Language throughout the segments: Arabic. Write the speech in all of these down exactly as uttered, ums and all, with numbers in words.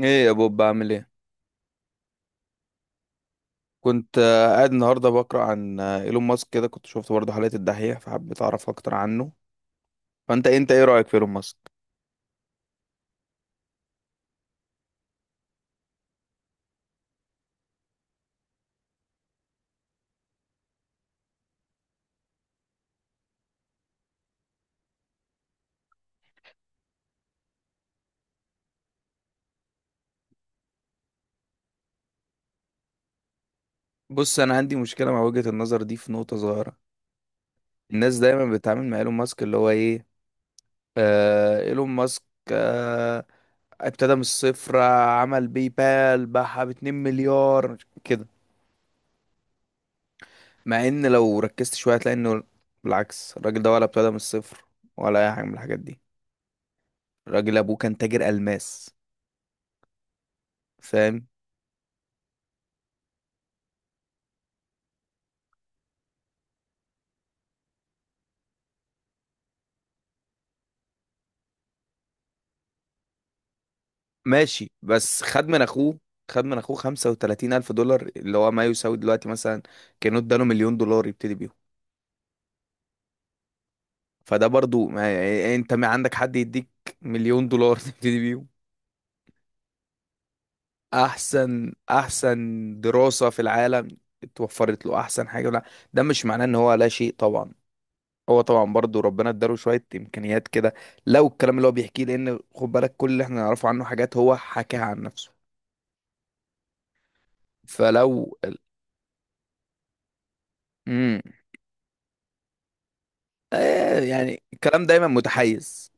ايه يا بوب، بعمل ايه؟ كنت آه، قاعد النهارده بقرا عن آه، ايلون ماسك كده. كنت شفت برضه حلقه الدحيح فحبيت اعرف اكتر عنه. فانت انت ايه رايك في ايلون ماسك؟ بص، انا عندي مشكله مع وجهه النظر دي في نقطه صغيره. الناس دايما بتتعامل مع ايلون ماسك اللي هو ايه. آه، ايلون ماسك. آه، ابتدى من الصفر. آه، عمل باي بال باعها ب اتنين مليار كده، مع ان لو ركزت شويه هتلاقي انه بالعكس، الراجل ده ولا ابتدى من الصفر ولا اي حاجه من الحاجات دي. الراجل ابوه كان تاجر الماس، فاهم. ماشي، بس خد من اخوه، خد من اخوه خمسة وثلاثين الف دولار اللي هو ما يساوي دلوقتي مثلا، كانوا اداله مليون دولار يبتدي بيهم. فده برضو ما يعني إيه، انت ما عندك حد يديك مليون دولار تبتدي بيهم. احسن، احسن دراسة في العالم اتوفرت له، احسن حاجة. لا، ده مش معناه ان هو لا شيء طبعا. هو طبعا برضو ربنا اداله شوية امكانيات كده، لو الكلام اللي هو بيحكيه، لان خد بالك كل اللي احنا نعرفه عنه حاجات هو حكاها عن نفسه، فلو. امم آه، يعني الكلام دايما متحيز.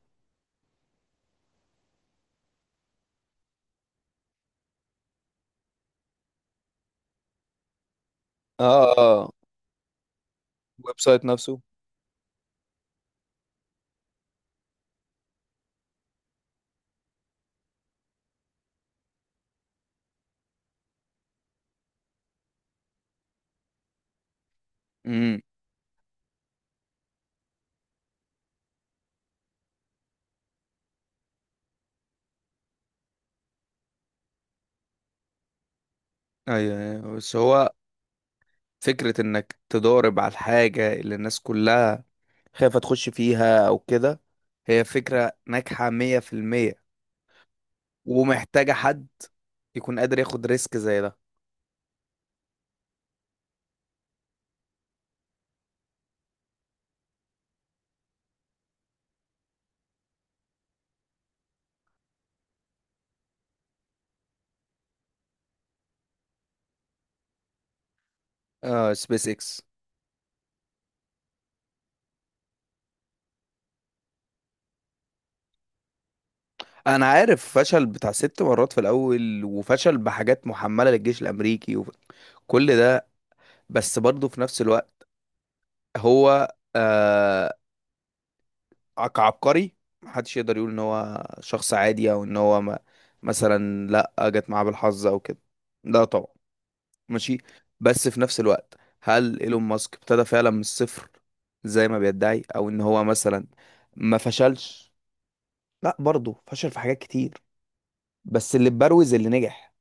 اه، اه، الويب سايت نفسه. امم ايوه، أيوة. بس هو فكرة انك تضارب على الحاجة اللي الناس كلها خايفة تخش فيها او كده، هي فكرة ناجحة مية في المية ومحتاجة حد يكون قادر ياخد ريسك زي ده. اه، سبيس اكس. انا عارف فشل بتاع ست مرات في الاول، وفشل بحاجات محملة للجيش الامريكي وكل ده. بس برضه في نفس الوقت، هو آه، كعبقري محدش يقدر يقول ان هو شخص عادي او ان هو ما مثلا، لا، جت معاه بالحظ او كده. لا طبعا. ماشي. بس في نفس الوقت، هل ايلون ماسك ابتدى فعلا من الصفر زي ما بيدعي، او ان هو مثلا ما فشلش؟ لا، برضه فشل في حاجات كتير، بس اللي بروز اللي نجح.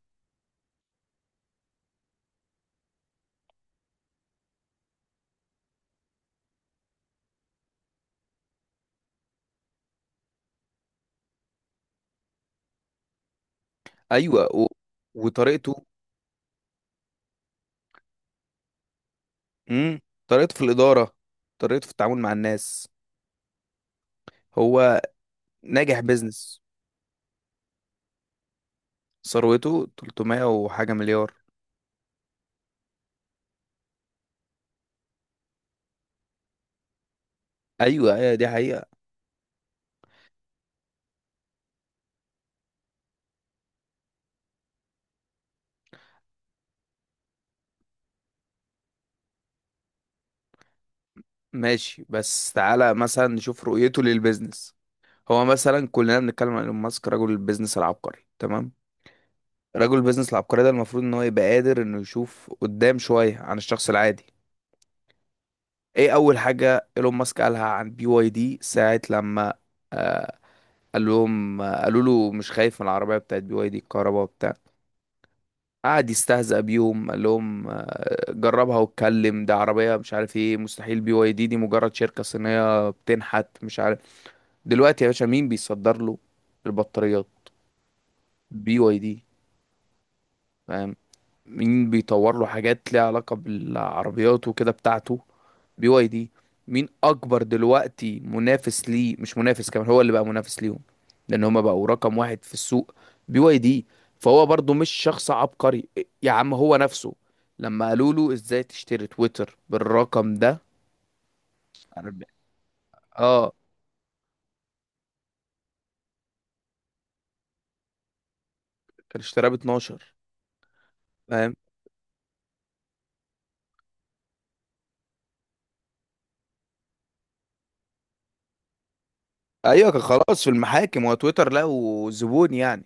ايوه و... وطريقته. امم طريقته في الاداره، طريقته في التعامل مع الناس. هو ناجح بيزنس. ثروته ثلاثمائة وحاجه مليار. ايوه، ايوه، دي حقيقة. ماشي، بس تعالى مثلا نشوف رؤيته للبيزنس. هو مثلا كلنا بنتكلم عن ايلون ماسك رجل البيزنس العبقري، تمام. رجل البيزنس العبقري ده المفروض ان هو يبقى قادر انه يشوف قدام شوية عن الشخص العادي. ايه اول حاجة ايلون ماسك قالها عن بي واي دي ساعة لما قال لهم، قالوا له مش خايف من العربية بتاعت بي واي دي الكهرباء وبتاع؟ قعد يستهزأ بيهم، قال لهم آه، جربها واتكلم، ده عربية مش عارف ايه، مستحيل، بي واي دي دي مجرد شركة صينية بتنحت مش عارف. دلوقتي يا باشا مين بيصدر له البطاريات؟ بي واي دي، فاهم. مين بيطور له حاجات ليها علاقة بالعربيات وكده بتاعته؟ بي واي دي. مين اكبر دلوقتي منافس ليه؟ مش منافس، كمان هو اللي بقى منافس ليهم، لان هما بقوا رقم واحد في السوق، بي واي دي. فهو برضو مش شخص عبقري. يا عم هو نفسه لما قالوا له ازاي تشتري تويتر بالرقم ده، عارف- اه. كان اشتراه ب اتناشر، فاهم. ايوه، كان خلاص في المحاكم وتويتر له زبون يعني.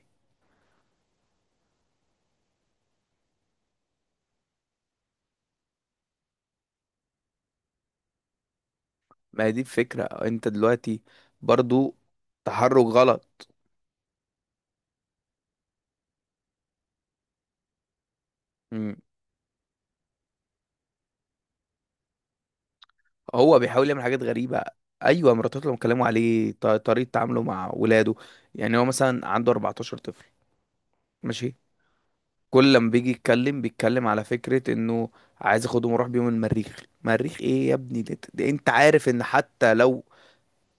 ما هي دي الفكرة، انت دلوقتي برضو تحرك غلط. مم. هو بيحاول يعمل حاجات غريبة. ايوه، مراتات لما اتكلموا عليه ط- طريقة تعامله مع ولاده. يعني هو مثلا عنده اربعتاشر طفل، ماشي. كل لما بيجي يتكلم بيتكلم على فكرة انه عايز اخدهم واروح بيهم المريخ. مريخ ايه يا ابني؟ ده, ده انت عارف ان حتى لو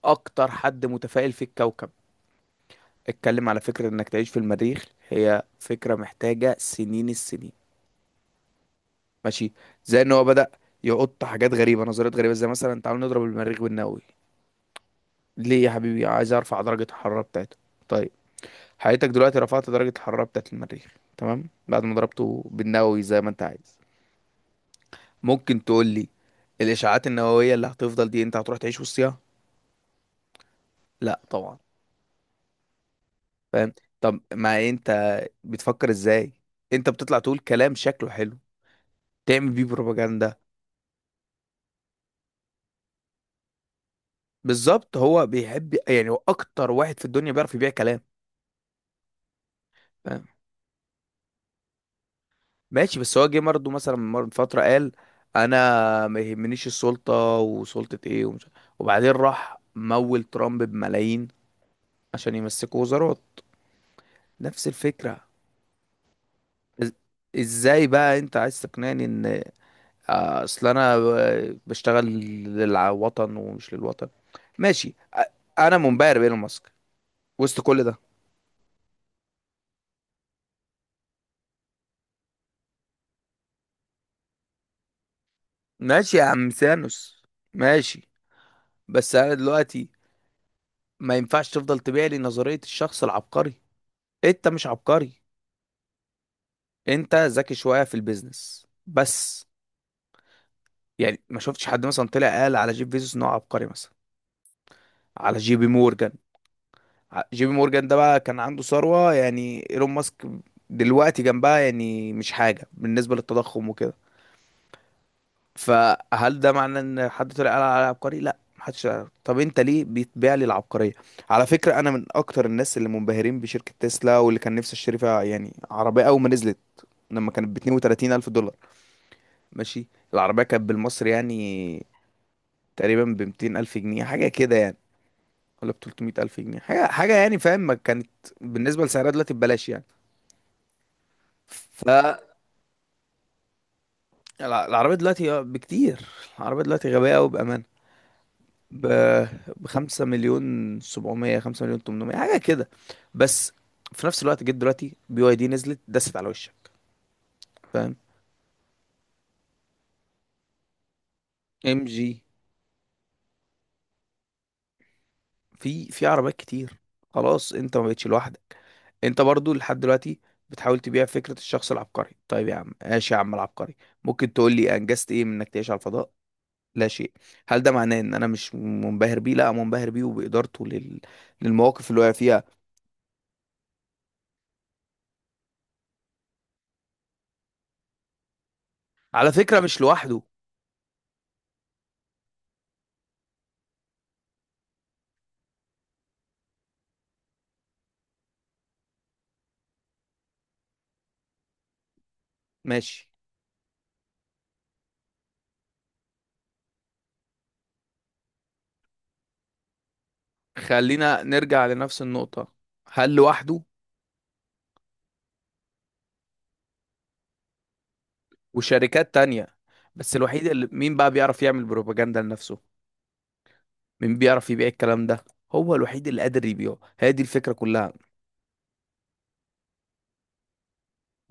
اكتر حد متفائل في الكوكب اتكلم على فكرة انك تعيش في المريخ، هي فكرة محتاجة سنين السنين. ماشي، زي ان هو بدأ يحط حاجات غريبة، نظريات غريبة زي مثلا تعالوا نضرب المريخ بالنووي. ليه يا حبيبي؟ عايز ارفع درجة الحرارة بتاعته. طيب، حضرتك دلوقتي رفعت درجة الحرارة بتاعة المريخ، تمام، بعد ما ضربته بالنووي زي ما انت عايز، ممكن تقول لي الاشعاعات النووية اللي هتفضل دي انت هتروح تعيش وسطها؟ لا طبعا، فاهم. طب ما انت بتفكر ازاي؟ انت بتطلع تقول كلام شكله حلو تعمل بيه بروباجندا. بالظبط، هو بيحب، يعني هو اكتر واحد في الدنيا بيعرف يبيع كلام. ماشي، بس هو جه برضه مثلا من مر- من فترة قال انا ما يهمنيش السلطة، وسلطة ايه ومش، وبعدين راح مول ترامب بملايين عشان يمسكوا وزارات. نفس الفكرة. إز- ازاي بقى انت عايز تقنعني ان آه، اصل انا ب- بشتغل للوطن ومش للوطن؟ ماشي أ- انا منبهر بايلون ماسك وسط كل ده. ماشي يا عم سانوس، ماشي. بس انا دلوقتي ما ينفعش تفضل تبيع لي نظرية الشخص العبقري. انت مش عبقري، انت ذكي شويه في البيزنس بس. يعني ما شفتش حد مثلا طلع قال على جيف بيزوس ان هو عبقري مثلا، على جي بي مورجان. ع- جي بي مورجان ده بقى كان عنده ثروه يعني ايلون ماسك دلوقتي جنبها يعني مش حاجه بالنسبه للتضخم وكده. فهل ده معناه ان حد طلع قال على عبقري؟ لا، محدش قال. طب انت ليه بتبيع لي العبقريه؟ على فكره انا من اكتر الناس اللي منبهرين بشركه تسلا، واللي كان نفسي اشتري فيها يعني عربيه اول ما نزلت، لما كانت ب اتنين وتلاتين الف دولار، ماشي. العربية كانت بالمصري يعني تقريبا ب ميتين الف جنيه حاجه كده يعني، ولا ب تلتمية الف جنيه حاجه حاجه يعني، فاهم. ما كانت بالنسبه لسعرها دلوقتي ببلاش يعني. فالعربيه دلوقتي آه، بكتير، العربيه دلوقتي غبيه قوي بامانه، ب خمسة مليون سبعمية، خمسة مليون ثمانمائة حاجه كده. بس في نفس الوقت جيت دلوقتي بي واي دي نزلت دست على وشك، فاهم. ام جي في في عربيات كتير، خلاص انت ما بقتش لوحدك. انت برضو لحد دلوقتي بتحاول تبيع فكرة الشخص العبقري. طيب يا عم، ماشي يا عم العبقري، ممكن تقول لي انجزت ايه من انك تعيش على الفضاء؟ لا شيء. هل ده معناه ان انا مش منبهر بيه؟ لا، منبهر بيه وبإدارته لل... للمواقف اللي وقع فيها. على فكرة مش لوحده. ماشي، خلينا نرجع لنفس النقطة. هل لوحده؟ وشركات تانية، بس الوحيد اللي مين بقى بيعرف يعمل بروباجندا لنفسه؟ مين بيعرف يبيع الكلام ده؟ هو الوحيد اللي قادر يبيعه، هي دي الفكرة كلها.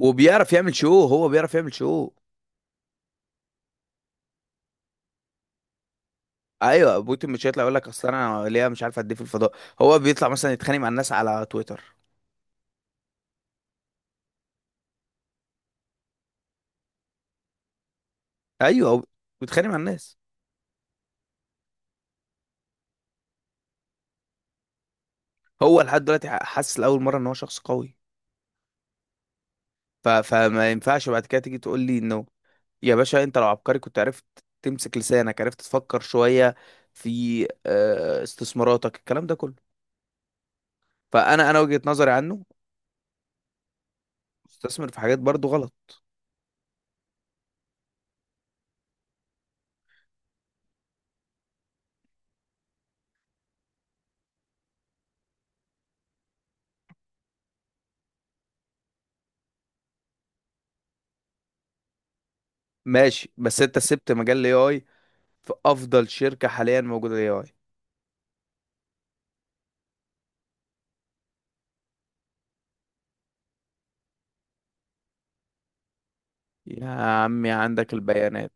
وبيعرف يعمل شو، هو بيعرف يعمل شو. ايوه، بوتين مش هيطلع يقول لك اصل انا ليا مش عارف قد ايه في الفضاء. هو بيطلع مثلا يتخانق مع الناس على تويتر. ايوه، هو بيتخانق مع الناس. هو لحد دلوقتي حاسس لاول مره ان هو شخص قوي. ف... فما ينفعش بعد كده تيجي تقول لي انه يا باشا، انت لو عبقري كنت عرفت تمسك لسانك، عرفت تفكر شويه في آه، استثماراتك، الكلام ده كله. فانا انا وجهة نظري عنه، استثمر في حاجات برضو غلط. ماشي، بس انت سبت مجال الاي اي في افضل شركه حاليا موجوده الاي اي. يا عمي، عندك البيانات.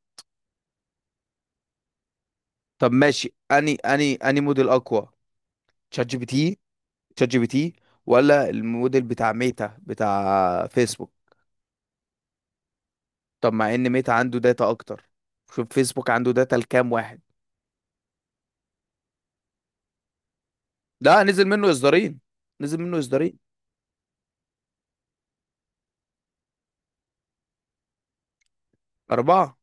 طب ماشي اني اني اني موديل اقوى، تشات جي بي تي؟ تشات جي بي تي ولا الموديل بتاع ميتا بتاع فيسبوك؟ طب مع ان ميتا عنده داتا اكتر، شوف فيسبوك عنده داتا لكام واحد. لا، نزل منه اصدارين، نزل منه اصدارين. اربعة.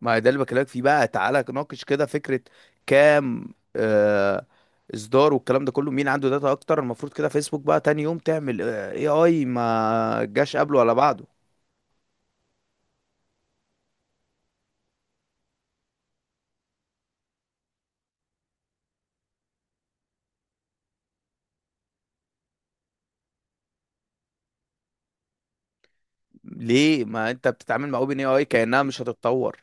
ما هي ده اللي بكلمك فيه بقى، تعالى ناقش كده فكرة كام آه اصدار والكلام ده كله. مين عنده داتا اكتر؟ المفروض كده فيسبوك بقى تاني يوم تعمل اي اي، ما جاش قبله ولا بعده. ليه ما انت بتتعامل مع اوبن اي اي كأنها مش هتتطور؟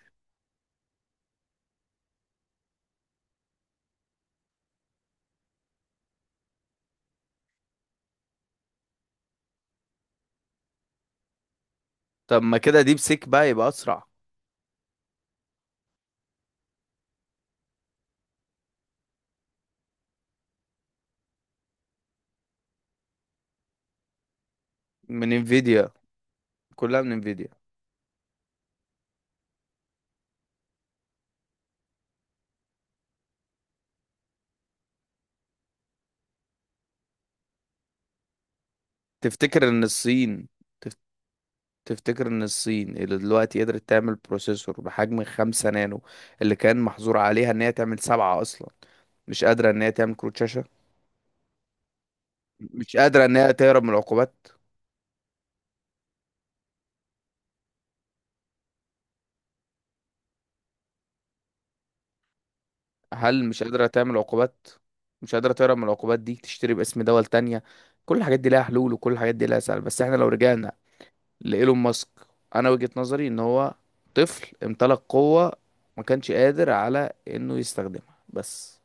طب ما كده ديب سيك بقى يبقى اسرع. من انفيديا، كلها من انفيديا. تفتكر ان الصين، تف- تفتكر ان الصين اللي دلوقتي قدرت تعمل بروسيسور بحجم خمسة نانو، اللي كان محظور عليها ان هي تعمل سبعة اصلا، مش قادرة ان هي تعمل كروت شاشة، مش قادرة ان هي تهرب من العقوبات؟ هل مش قادرة تعمل عقوبات؟ مش قادرة تهرب من العقوبات دي، تشتري باسم دول تانية، كل الحاجات دي لها حلول وكل الحاجات دي لها سهل. بس احنا لو رجعنا لإيلون ماسك، انا وجهة نظري ان هو طفل امتلك قوة، ما كانش قادر على انه يستخدمها بس.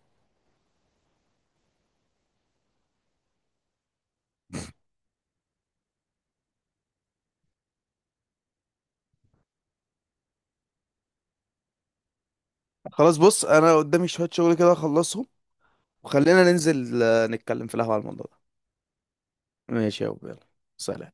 خلاص، بص انا قدامي شوية شغل كده اخلصهم، وخلينا ننزل آه، نتكلم في القهوة على الموضوع ده. ماشي يا أبو، يلا. سلام.